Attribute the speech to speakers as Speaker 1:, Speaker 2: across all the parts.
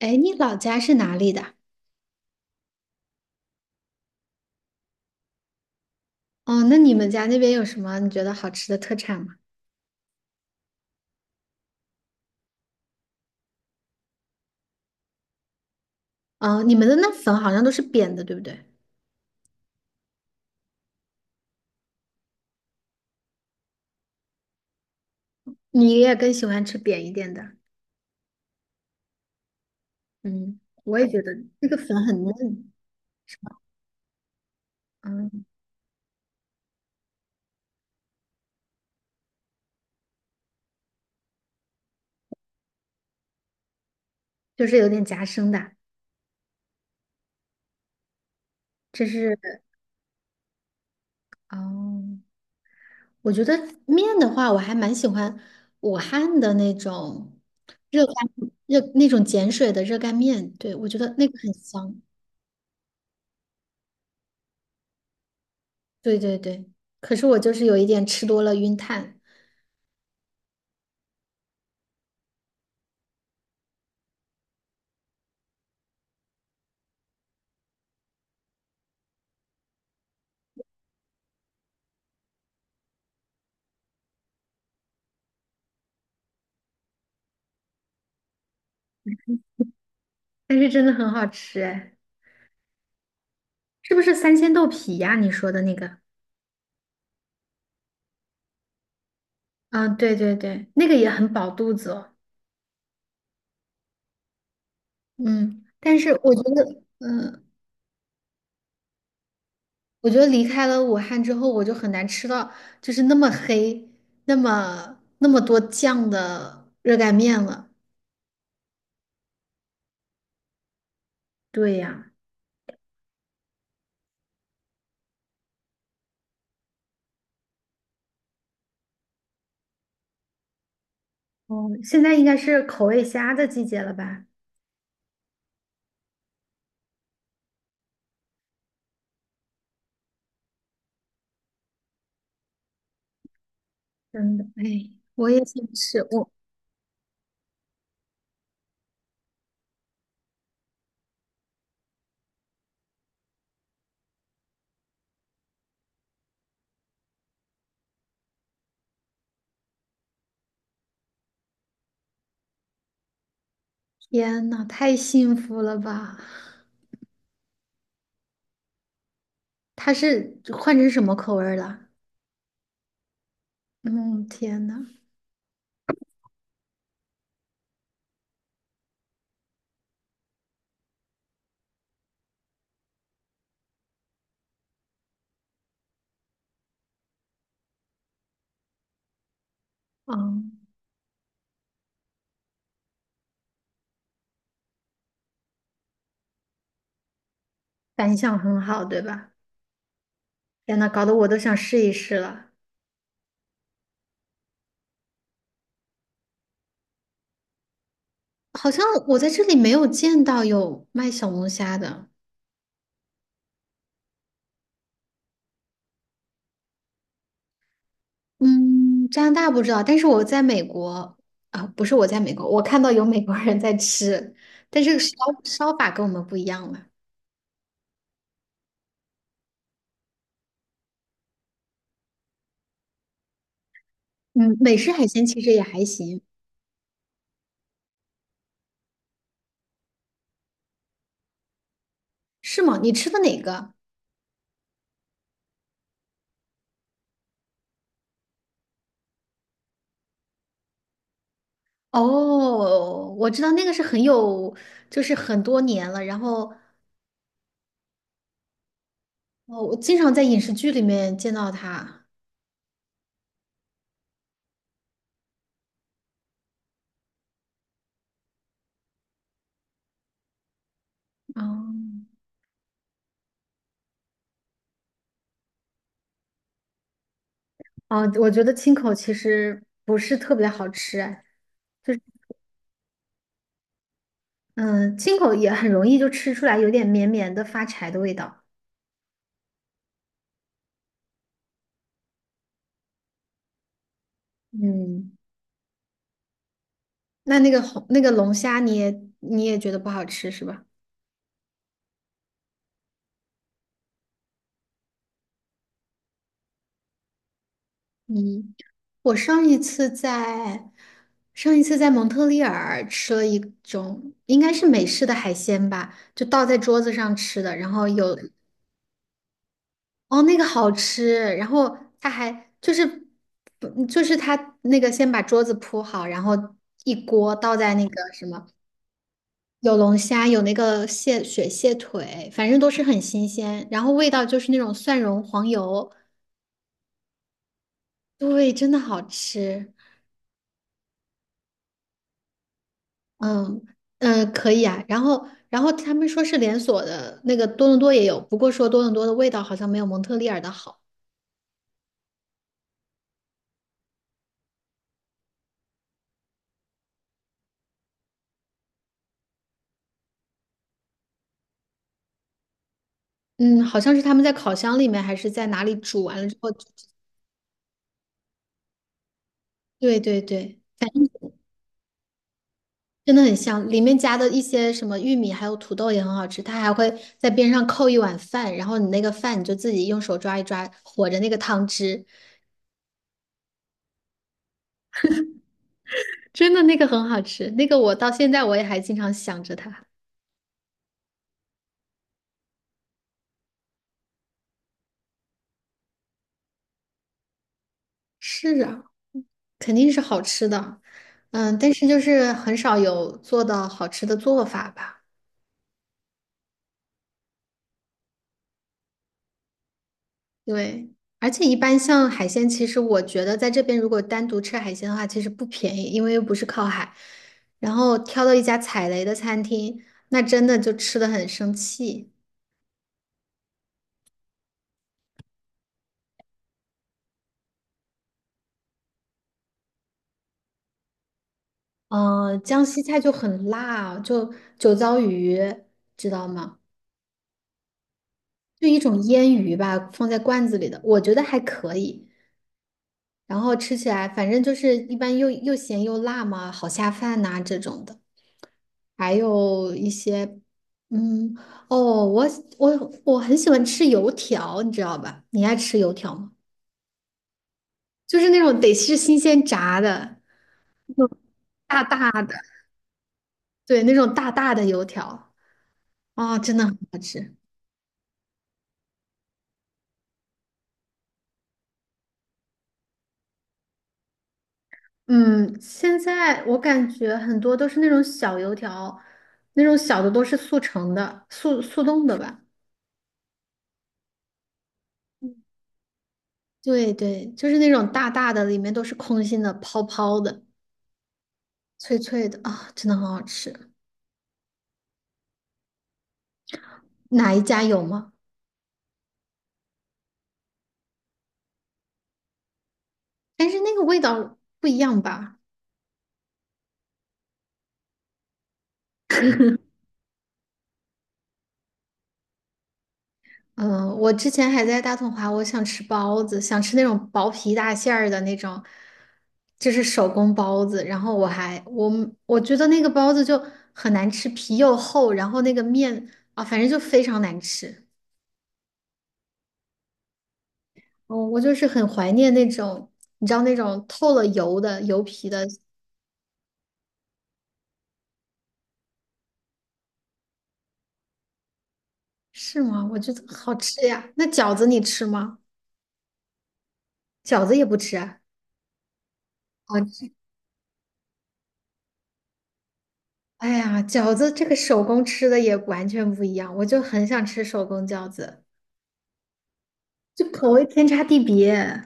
Speaker 1: 哎，你老家是哪里的？哦，那你们家那边有什么你觉得好吃的特产吗？哦，你们的那粉好像都是扁的，对不对？你也更喜欢吃扁一点的。嗯，我也觉得那个粉很嫩。嗯，就是有点夹生的。这是，哦，我觉得面的话，我还蛮喜欢武汉的那种热干，热那种碱水的热干面，对，我觉得那个很香。对对对，可是我就是有一点吃多了晕碳。但是真的很好吃哎。是不是三鲜豆皮呀？你说的那个？啊，对对对，那个也很饱肚子哦。嗯，但是我觉得，我觉得离开了武汉之后，我就很难吃到就是那么黑、那么多酱的热干面了。对呀。哦，现在应该是口味虾的季节了吧？真的，哎，我也想吃，我——天呐，太幸福了吧！它是换成什么口味儿了？嗯，天呐。哦，反响很好，对吧？天呐，搞得我都想试一试了。好像我在这里没有见到有卖小龙虾的。嗯，加拿大不知道，但是我在美国——啊、不是我在美国，我看到有美国人在吃，但是烧，烧法跟我们不一样了。嗯，美式海鲜其实也还行。是吗？你吃的哪个？哦，我知道那个是很有，就是很多年了，然后——哦，我经常在影视剧里面见到它。哦。哦，我觉得青口其实不是特别好吃啊。哎，就是，嗯，青口也很容易就吃出来有点绵绵的发柴的味道。嗯，那那个红那个龙虾你也你也觉得不好吃是吧？嗯，我上一次在——上一次在蒙特利尔吃了一种应该是美式的海鲜吧，就倒在桌子上吃的，然后有——哦，那个好吃，然后他还就是，不就是他那个先把桌子铺好，然后一锅倒在那个什么，有龙虾，有那个蟹，雪蟹腿，反正都是很新鲜，然后味道就是那种蒜蓉黄油，对，真的好吃。嗯，嗯，可以啊，然后他们说是连锁的，那个多伦多也有，不过说多伦多的味道好像没有蒙特利尔的好。嗯，好像是他们在烤箱里面还是在哪里煮完了之后，对对对。真的很香，里面加的一些什么玉米还有土豆也很好吃，它还会在边上扣一碗饭，然后你那个饭你就自己用手抓一抓，和着那个汤汁，真的那个很好吃，那个我到现在我也还经常想着它。是啊，肯定是好吃的。嗯，但是就是很少有做到好吃的做法吧。对，而且一般像海鲜，其实我觉得在这边如果单独吃海鲜的话，其实不便宜，因为又不是靠海。然后挑到一家踩雷的餐厅，那真的就吃的很生气。嗯,江西菜就很辣，就酒糟鱼，知道吗？就一种腌鱼吧，放在罐子里的，我觉得还可以。然后吃起来反正就是一般又咸又辣嘛，好下饭呐、这种的。还有一些，嗯，哦，我我很喜欢吃油条，你知道吧？你爱吃油条吗？就是那种得是新鲜炸的，那种大大的。对，那种大大的油条，哦，真的很好吃。嗯，现在我感觉很多都是那种小油条，那种小的都是速成的、速冻的吧。对对，就是那种大大的，里面都是空心的、泡泡的、脆脆的啊，真的很好吃。哪一家有吗？但是那个味道不一样吧？嗯、我之前还在大统华，我想吃包子，想吃那种薄皮大馅儿的那种，就是手工包子。然后我还我我觉得那个包子就很难吃，皮又厚，然后那个面，啊，反正就非常难吃。哦，我就是很怀念那种，你知道那种透了油的油皮的。是吗？我觉得好吃呀。那饺子你吃吗？饺子也不吃啊？好吃。哎呀，饺子这个手工吃的也完全不一样，我就很想吃手工饺子，就口味天差地别。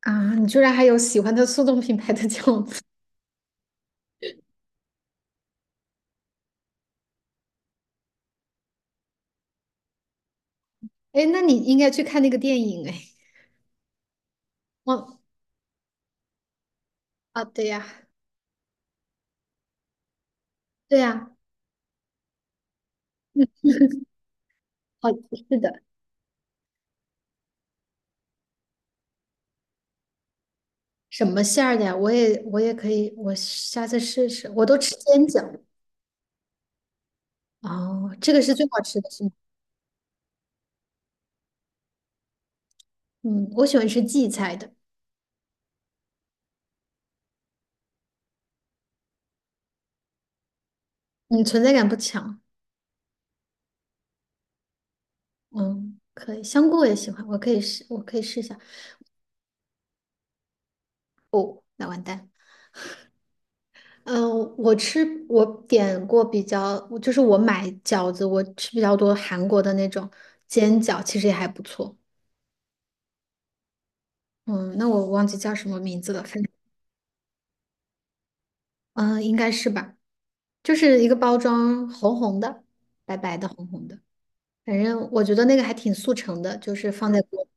Speaker 1: 啊！你居然还有喜欢的速冻品牌的饺子。哎，那你应该去看那个电影哎。哦，啊，对呀，对呀，好，是的。什么馅儿的呀？我也可以，我下次试试。我都吃煎饺。哦，这个是最好吃的是吗？嗯，我喜欢吃荠菜的。你存在感不强。嗯，可以，香菇我也喜欢，我可以试，我可以试一下。哦，那完蛋。嗯，我吃，我点过比较，就是我买饺子，我吃比较多韩国的那种煎饺，其实也还不错。嗯，那我忘记叫什么名字了，反正嗯，应该是吧，就是一个包装红红的，白白的红红的，反正我觉得那个还挺速成的，就是放在锅，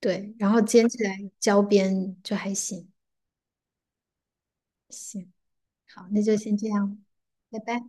Speaker 1: 对，然后煎起来焦边就还行。行。好，那就先这样，拜拜。